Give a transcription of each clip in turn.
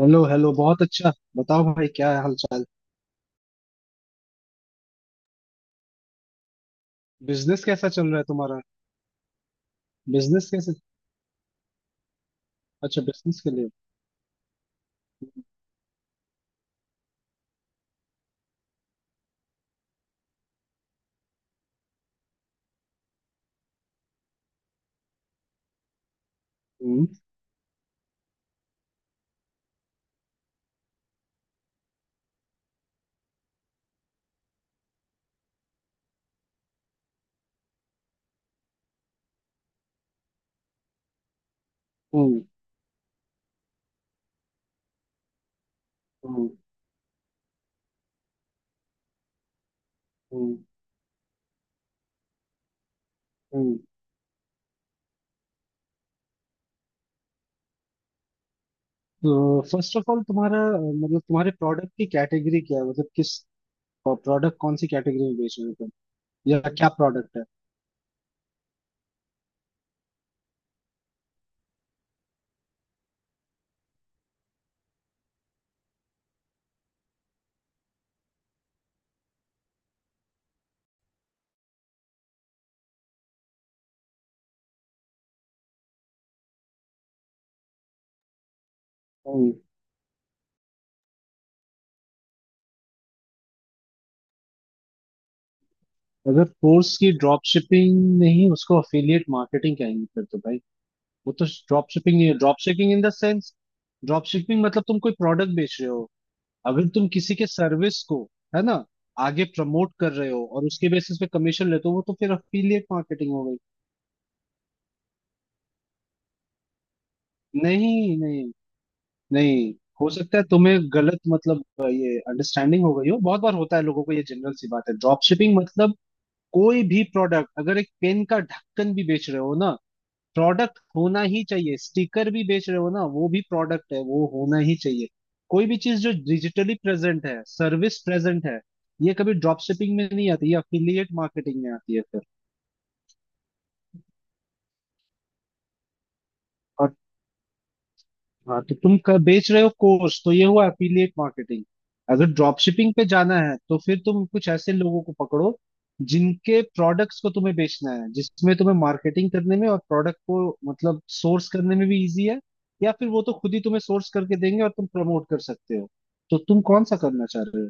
Hello hello, बहुत अच्छा। बताओ भाई, क्या हाल चाल? बिजनेस कैसा चल रहा है तुम्हारा? बिजनेस कैसे? अच्छा, बिजनेस के लिए। हम्म। हम्म। हम्म। हम्म। हम्म। तो फर्स्ट ऑफ ऑल तुम्हारा मतलब तुम्हारे प्रोडक्ट की कैटेगरी क्या है, मतलब किस प्रोडक्ट कौन सी कैटेगरी में बेच रहे हो तुम? या क्या प्रोडक्ट है? हम्म। अगर कोर्स की ड्रॉप शिपिंग, नहीं उसको अफिलिएट मार्केटिंग कहेंगे फिर तो भाई। वो तो ड्रॉप शिपिंग नहीं है। Drop shipping in the sense, drop shipping मतलब तुम कोई प्रोडक्ट बेच रहे हो। अगर तुम किसी के सर्विस को, है ना, आगे प्रमोट कर रहे हो और उसके बेसिस पे कमीशन लेते हो, वो तो फिर अफिलिएट मार्केटिंग हो गई। नहीं, नहीं। नहीं, हो सकता है तुम्हें गलत मतलब ये अंडरस्टैंडिंग हो गई हो। बहुत बार होता है लोगों को, ये जनरल सी बात है। ड्रॉप शिपिंग मतलब कोई भी प्रोडक्ट, अगर एक पेन का ढक्कन भी बेच रहे हो ना, प्रोडक्ट होना ही चाहिए। स्टिकर भी बेच रहे हो ना, वो भी प्रोडक्ट है, वो होना ही चाहिए। कोई भी चीज जो डिजिटली प्रेजेंट है, सर्विस प्रेजेंट है, ये कभी ड्रॉप शिपिंग में नहीं आती, ये अफिलिएट मार्केटिंग में आती है फिर। और, हाँ तो तुम बेच रहे हो कोर्स, तो ये हुआ एफिलिएट मार्केटिंग। अगर ड्रॉप शिपिंग पे जाना है तो फिर तुम कुछ ऐसे लोगों को पकड़ो, जिनके प्रोडक्ट्स को तुम्हें बेचना है, जिसमें तुम्हें मार्केटिंग करने में और प्रोडक्ट को मतलब सोर्स करने में भी इजी है। या फिर वो तो खुद ही तुम्हें सोर्स करके देंगे और तुम प्रमोट कर सकते हो। तो तुम कौन सा करना चाह रहे हो?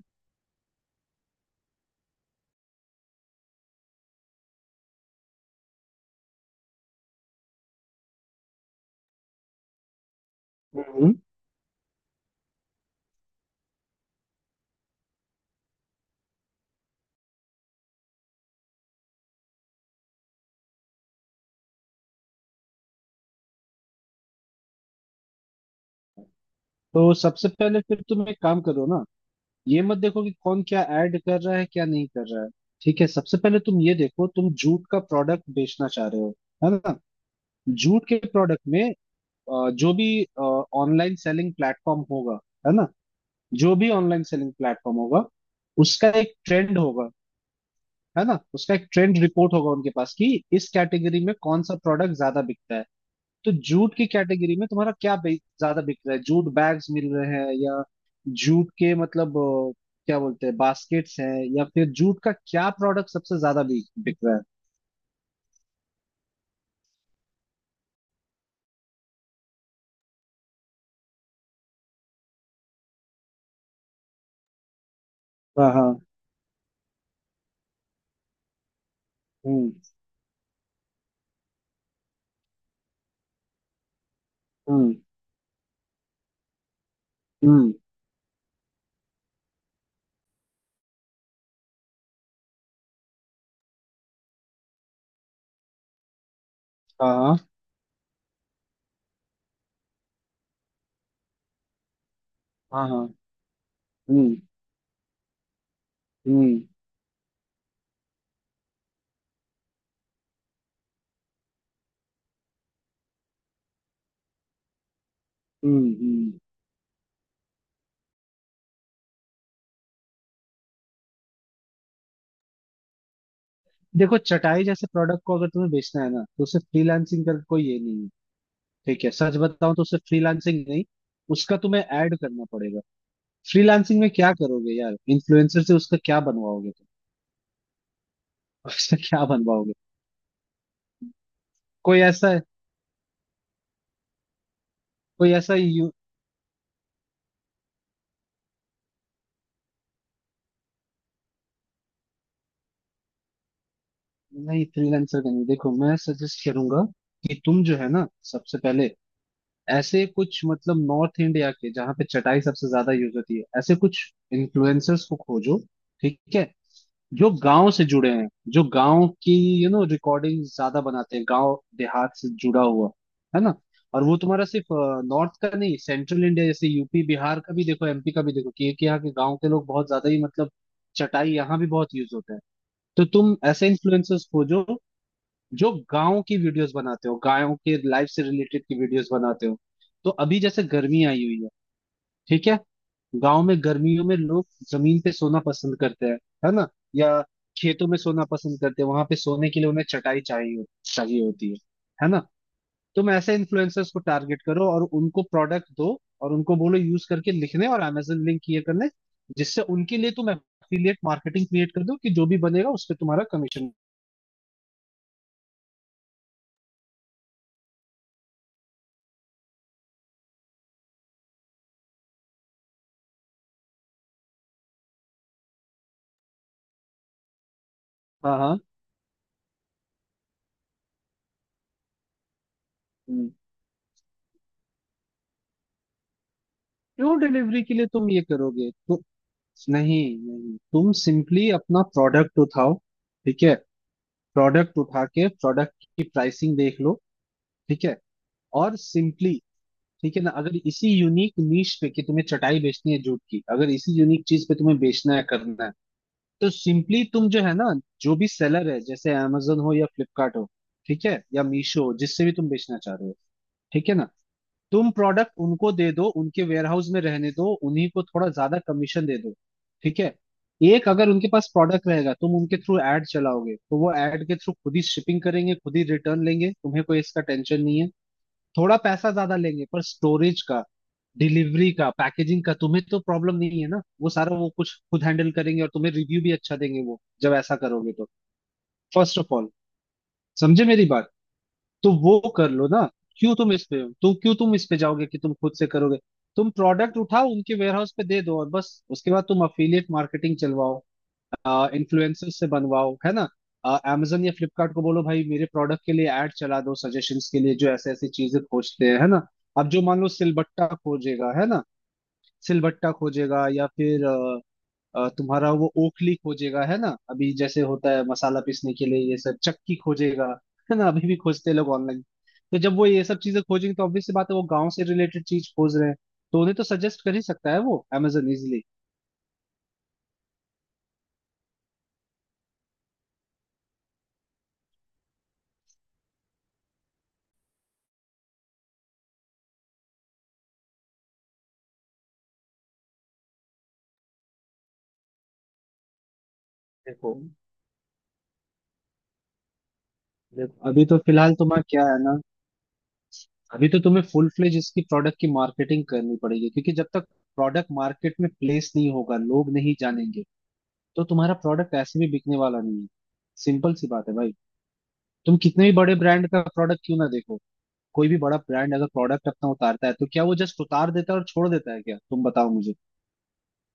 हम्म। तो सबसे पहले फिर तुम एक काम करो ना। ये मत देखो कि कौन क्या ऐड कर रहा है, क्या नहीं कर रहा है। ठीक है, सबसे पहले तुम ये देखो, तुम जूट का प्रोडक्ट बेचना चाह रहे हो, है ना? जूट के प्रोडक्ट में जो भी ऑनलाइन सेलिंग प्लेटफॉर्म होगा, है ना, जो भी ऑनलाइन सेलिंग प्लेटफॉर्म होगा, उसका एक ट्रेंड होगा, है ना, उसका एक ट्रेंड रिपोर्ट होगा उनके पास कि इस कैटेगरी में कौन सा प्रोडक्ट ज्यादा बिकता है। तो जूट की कैटेगरी में तुम्हारा क्या ज्यादा बिक रहा है? जूट बैग्स मिल रहे हैं, या जूट के मतलब क्या बोलते हैं, बास्केट्स हैं, या फिर जूट का क्या प्रोडक्ट सबसे ज्यादा बिक बिक रहा है? हाँ, हाँ। हम्म। हम्म। हम्म। हाँ, हाँ, हाँ, हाँ। हम्म। हम्म। हम्म। हम्म। देखो चटाई जैसे प्रोडक्ट को अगर तुम्हें बेचना है ना, तो उसे फ्रीलांसिंग करके कोई ये नहीं है। ठीक है, सच बताऊं तो उसे फ्रीलांसिंग नहीं, उसका तुम्हें ऐड करना पड़ेगा। फ्रीलांसिंग में क्या करोगे यार? इन्फ्लुएंसर से उसका क्या बनवाओगे तुम? उसका क्या बनवाओगे? कोई ऐसा कोई ऐसा यू नहीं, फ्रीलांसर का नहीं। देखो मैं सजेस्ट करूंगा कि तुम जो है ना, सबसे पहले ऐसे कुछ मतलब नॉर्थ इंडिया के, जहाँ पे चटाई सबसे ज्यादा यूज होती है, ऐसे कुछ इन्फ्लुएंसर्स को खोजो। ठीक है? जो गांव से जुड़े हैं, जो गांव की रिकॉर्डिंग ज्यादा बनाते हैं, गांव देहात से जुड़ा हुआ, है ना। और वो तुम्हारा सिर्फ नॉर्थ का नहीं, सेंट्रल इंडिया जैसे यूपी बिहार का भी देखो, एमपी का भी देखो, कि यहाँ के गांव के लोग बहुत ज्यादा ही मतलब चटाई यहाँ भी बहुत यूज होता है। तो तुम ऐसे इन्फ्लुएंसर्स खोजो, जो गांव की वीडियोस बनाते हो, गायों के लाइफ से रिलेटेड की वीडियोस बनाते हो। तो अभी जैसे गर्मी आई हुई है, ठीक है, गांव में गर्मियों में लोग जमीन पे सोना पसंद करते हैं, है ना, या खेतों में सोना पसंद करते हैं, वहां पे सोने के लिए उन्हें चटाई चाहिए, चाहिए होती है ना। तुम ऐसे इन्फ्लुएंसर्स को टारगेट करो और उनको प्रोडक्ट दो, और उनको बोलो यूज करके लिखने और अमेजन लिंक ये करने, जिससे उनके लिए तुम एफिलिएट मार्केटिंग क्रिएट कर दो, कि जो भी बनेगा उस पे तुम्हारा कमीशन। हाँ, हाँ। हम्म। क्यों? डिलीवरी के लिए तुम ये करोगे तो? नहीं, नहीं, तुम सिंपली अपना प्रोडक्ट उठाओ। ठीक है, प्रोडक्ट उठा के प्रोडक्ट की प्राइसिंग देख लो। ठीक है, और सिंपली, ठीक है ना, अगर इसी यूनिक नीश पे, कि तुम्हें चटाई बेचनी है जूट की, अगर इसी यूनिक चीज पे तुम्हें बेचना है करना है, तो सिंपली तुम जो है ना, जो भी सेलर है, जैसे amazon हो या फ्लिपकार्ट हो, ठीक है, या मीशो हो, जिससे भी तुम बेचना चाह रहे हो, ठीक है ना, तुम प्रोडक्ट उनको दे दो, उनके वेयरहाउस में रहने दो, उन्हीं को थोड़ा ज्यादा कमीशन दे दो। ठीक है, एक, अगर उनके पास प्रोडक्ट रहेगा, तुम उनके थ्रू ऐड चलाओगे, तो वो ऐड के थ्रू खुद ही शिपिंग करेंगे, खुद ही रिटर्न लेंगे, तुम्हें कोई इसका टेंशन नहीं है। थोड़ा पैसा ज्यादा लेंगे पर स्टोरेज का, डिलीवरी का, पैकेजिंग का तुम्हें तो प्रॉब्लम नहीं है ना, वो सारा वो कुछ खुद हैंडल करेंगे और तुम्हें रिव्यू भी अच्छा देंगे वो, जब ऐसा करोगे तो। फर्स्ट ऑफ ऑल, समझे मेरी बात? तो वो कर लो ना। क्यों तुम इस पे तुम क्यों, तुम इस पे जाओगे कि तुम खुद से करोगे? तुम प्रोडक्ट उठाओ, उनके वेयरहाउस पे दे दो, और बस उसके बाद तुम अफिलिएट मार्केटिंग चलवाओ, इन्फ्लुएंसर से बनवाओ, है ना। अमेजन या फ्लिपकार्ट को बोलो भाई मेरे प्रोडक्ट के लिए ऐड चला दो, सजेशंस के लिए, जो ऐसे ऐसी चीजें खोजते हैं, है ना। अब जो मान लो सिलबट्टा खोजेगा, है ना, सिलबट्टा खोजेगा, या फिर तुम्हारा वो ओखली खोजेगा, है ना। अभी जैसे होता है मसाला पीसने के लिए ये सब, चक्की खोजेगा, है ना, अभी भी खोजते हैं लोग ऑनलाइन। तो जब वो ये सब चीजें खोजेंगे, तो ऑब्वियस सी बात है, वो गांव से रिलेटेड चीज खोज रहे हैं, तो उन्हें तो सजेस्ट कर ही सकता है वो अमेजोन, इजिली। देखो, देखो अभी तो फिलहाल तुम्हारा क्या है ना, अभी तो तुम्हें फुल फ्लेज इसकी प्रोडक्ट की मार्केटिंग करनी पड़ेगी, क्योंकि जब तक प्रोडक्ट मार्केट में प्लेस नहीं होगा, लोग नहीं जानेंगे, तो तुम्हारा प्रोडक्ट ऐसे भी बिकने वाला नहीं है। सिंपल सी बात है भाई। तुम कितने भी बड़े ब्रांड का प्रोडक्ट क्यों ना देखो, कोई भी बड़ा ब्रांड अगर प्रोडक्ट अपना उतारता है तो क्या वो जस्ट उतार देता है और छोड़ देता है क्या? तुम बताओ मुझे।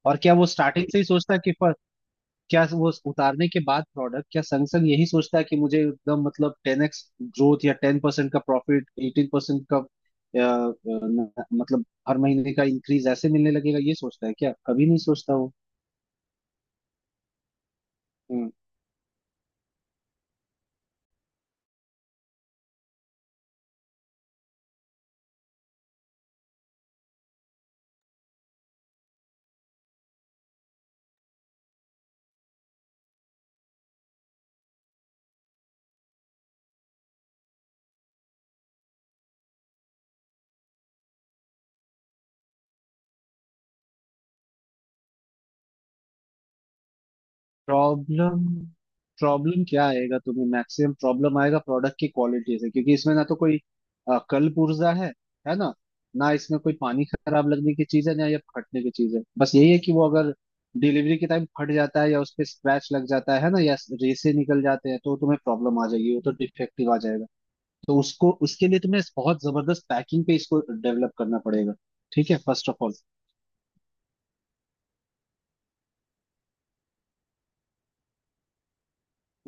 और क्या वो स्टार्टिंग से ही सोचता है कि, पर क्या वो उतारने के बाद प्रोडक्ट, क्या संग संग यही सोचता है कि मुझे एकदम मतलब 10x ग्रोथ या 10% का प्रॉफिट, 18% का अ, न- मतलब हर महीने का इंक्रीज ऐसे मिलने लगेगा, ये सोचता है क्या? कभी नहीं सोचता वो। प्रॉब्लम प्रॉब्लम क्या आएगा? तुम्हें मैक्सिमम प्रॉब्लम आएगा प्रोडक्ट की क्वालिटी से, क्योंकि इसमें ना तो कोई कल्प ऊर्जा है ना, ना इसमें कोई पानी खराब लगने की चीज है, ना या फटने की चीज है। बस यही है कि वो अगर डिलीवरी के टाइम फट जाता है या उस पे स्क्रैच लग जाता है ना, या रेसे निकल जाते हैं, तो तुम्हें प्रॉब्लम आ जाएगी, वो तो डिफेक्टिव आ जाएगा। तो उसको उसके लिए तुम्हें बहुत जबरदस्त पैकिंग पे इसको डेवलप करना पड़ेगा, ठीक है, फर्स्ट ऑफ ऑल।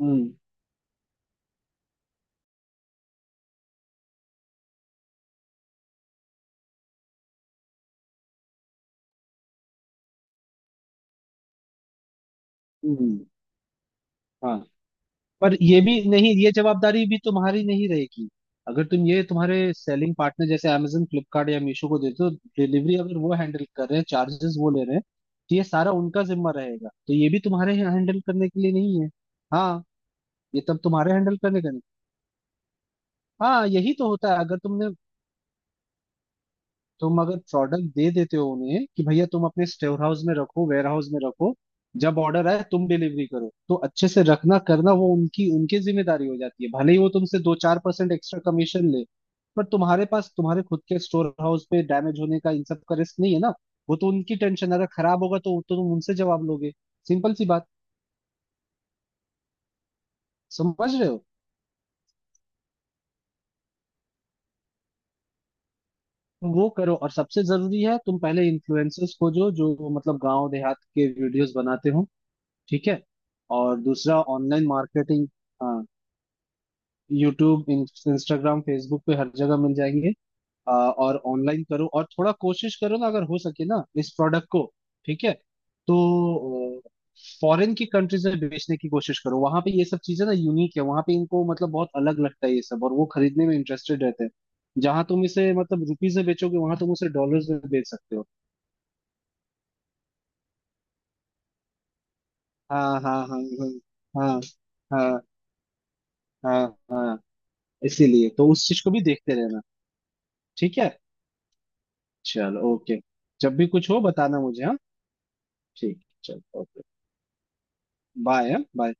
हम्म। हम्म। हाँ, पर ये भी नहीं, ये जवाबदारी भी तुम्हारी नहीं रहेगी। अगर तुम ये तुम्हारे सेलिंग पार्टनर जैसे Amazon, फ्लिपकार्ट या मीशो को देते हो, डिलीवरी अगर वो हैंडल कर रहे हैं, चार्जेस वो ले रहे हैं, तो ये सारा उनका जिम्मा रहेगा, तो ये भी तुम्हारे हैंडल करने के लिए नहीं है। हाँ, ये तब तुम्हारे हैंडल करने का नहीं। हाँ, यही तो होता है, अगर तुमने, तुम अगर प्रोडक्ट दे देते हो उन्हें कि भैया तुम अपने स्टोर हाउस में रखो, वेयर हाउस में रखो, जब ऑर्डर आए तुम डिलीवरी करो, तो अच्छे से रखना करना वो उनकी उनकी जिम्मेदारी हो जाती है, भले ही वो तुमसे 2-4% एक्स्ट्रा कमीशन ले। पर तुम्हारे पास, तुम्हारे खुद के स्टोर हाउस पे डैमेज होने का, इन सब का रिस्क नहीं है ना। वो तो उनकी टेंशन, अगर खराब होगा तो तुम उनसे जवाब लोगे। सिंपल सी बात। समझ रहे हो? तुम वो करो, और सबसे जरूरी है तुम पहले इन्फ्लुएंसर्स को, जो जो मतलब गांव देहात के वीडियोस बनाते हो, ठीक है, और दूसरा ऑनलाइन मार्केटिंग। हाँ, यूट्यूब, इंस्टाग्राम, फेसबुक पे हर जगह मिल जाएंगे। और ऑनलाइन करो, और थोड़ा कोशिश करो ना अगर हो सके ना, इस प्रोडक्ट को, ठीक है, तो फॉरेन की कंट्रीज में बेचने की कोशिश करो। वहां पे ये सब चीजें ना यूनिक है, वहां पे इनको मतलब बहुत अलग लगता है ये सब, और वो खरीदने में इंटरेस्टेड रहते हैं। जहां तुम इसे मतलब रुपीज में बेचोगे, वहां तुम उसे डॉलर्स में बेच सकते हो। हाँ, हाँ, हाँ, हाँ, हाँ, हाँ, हाँ, हाँ, इसीलिए तो उस चीज को भी देखते रहना। ठीक है, चलो ओके। जब भी कुछ हो बताना मुझे, हाँ? ठीक, चलो ओके। Bye bye.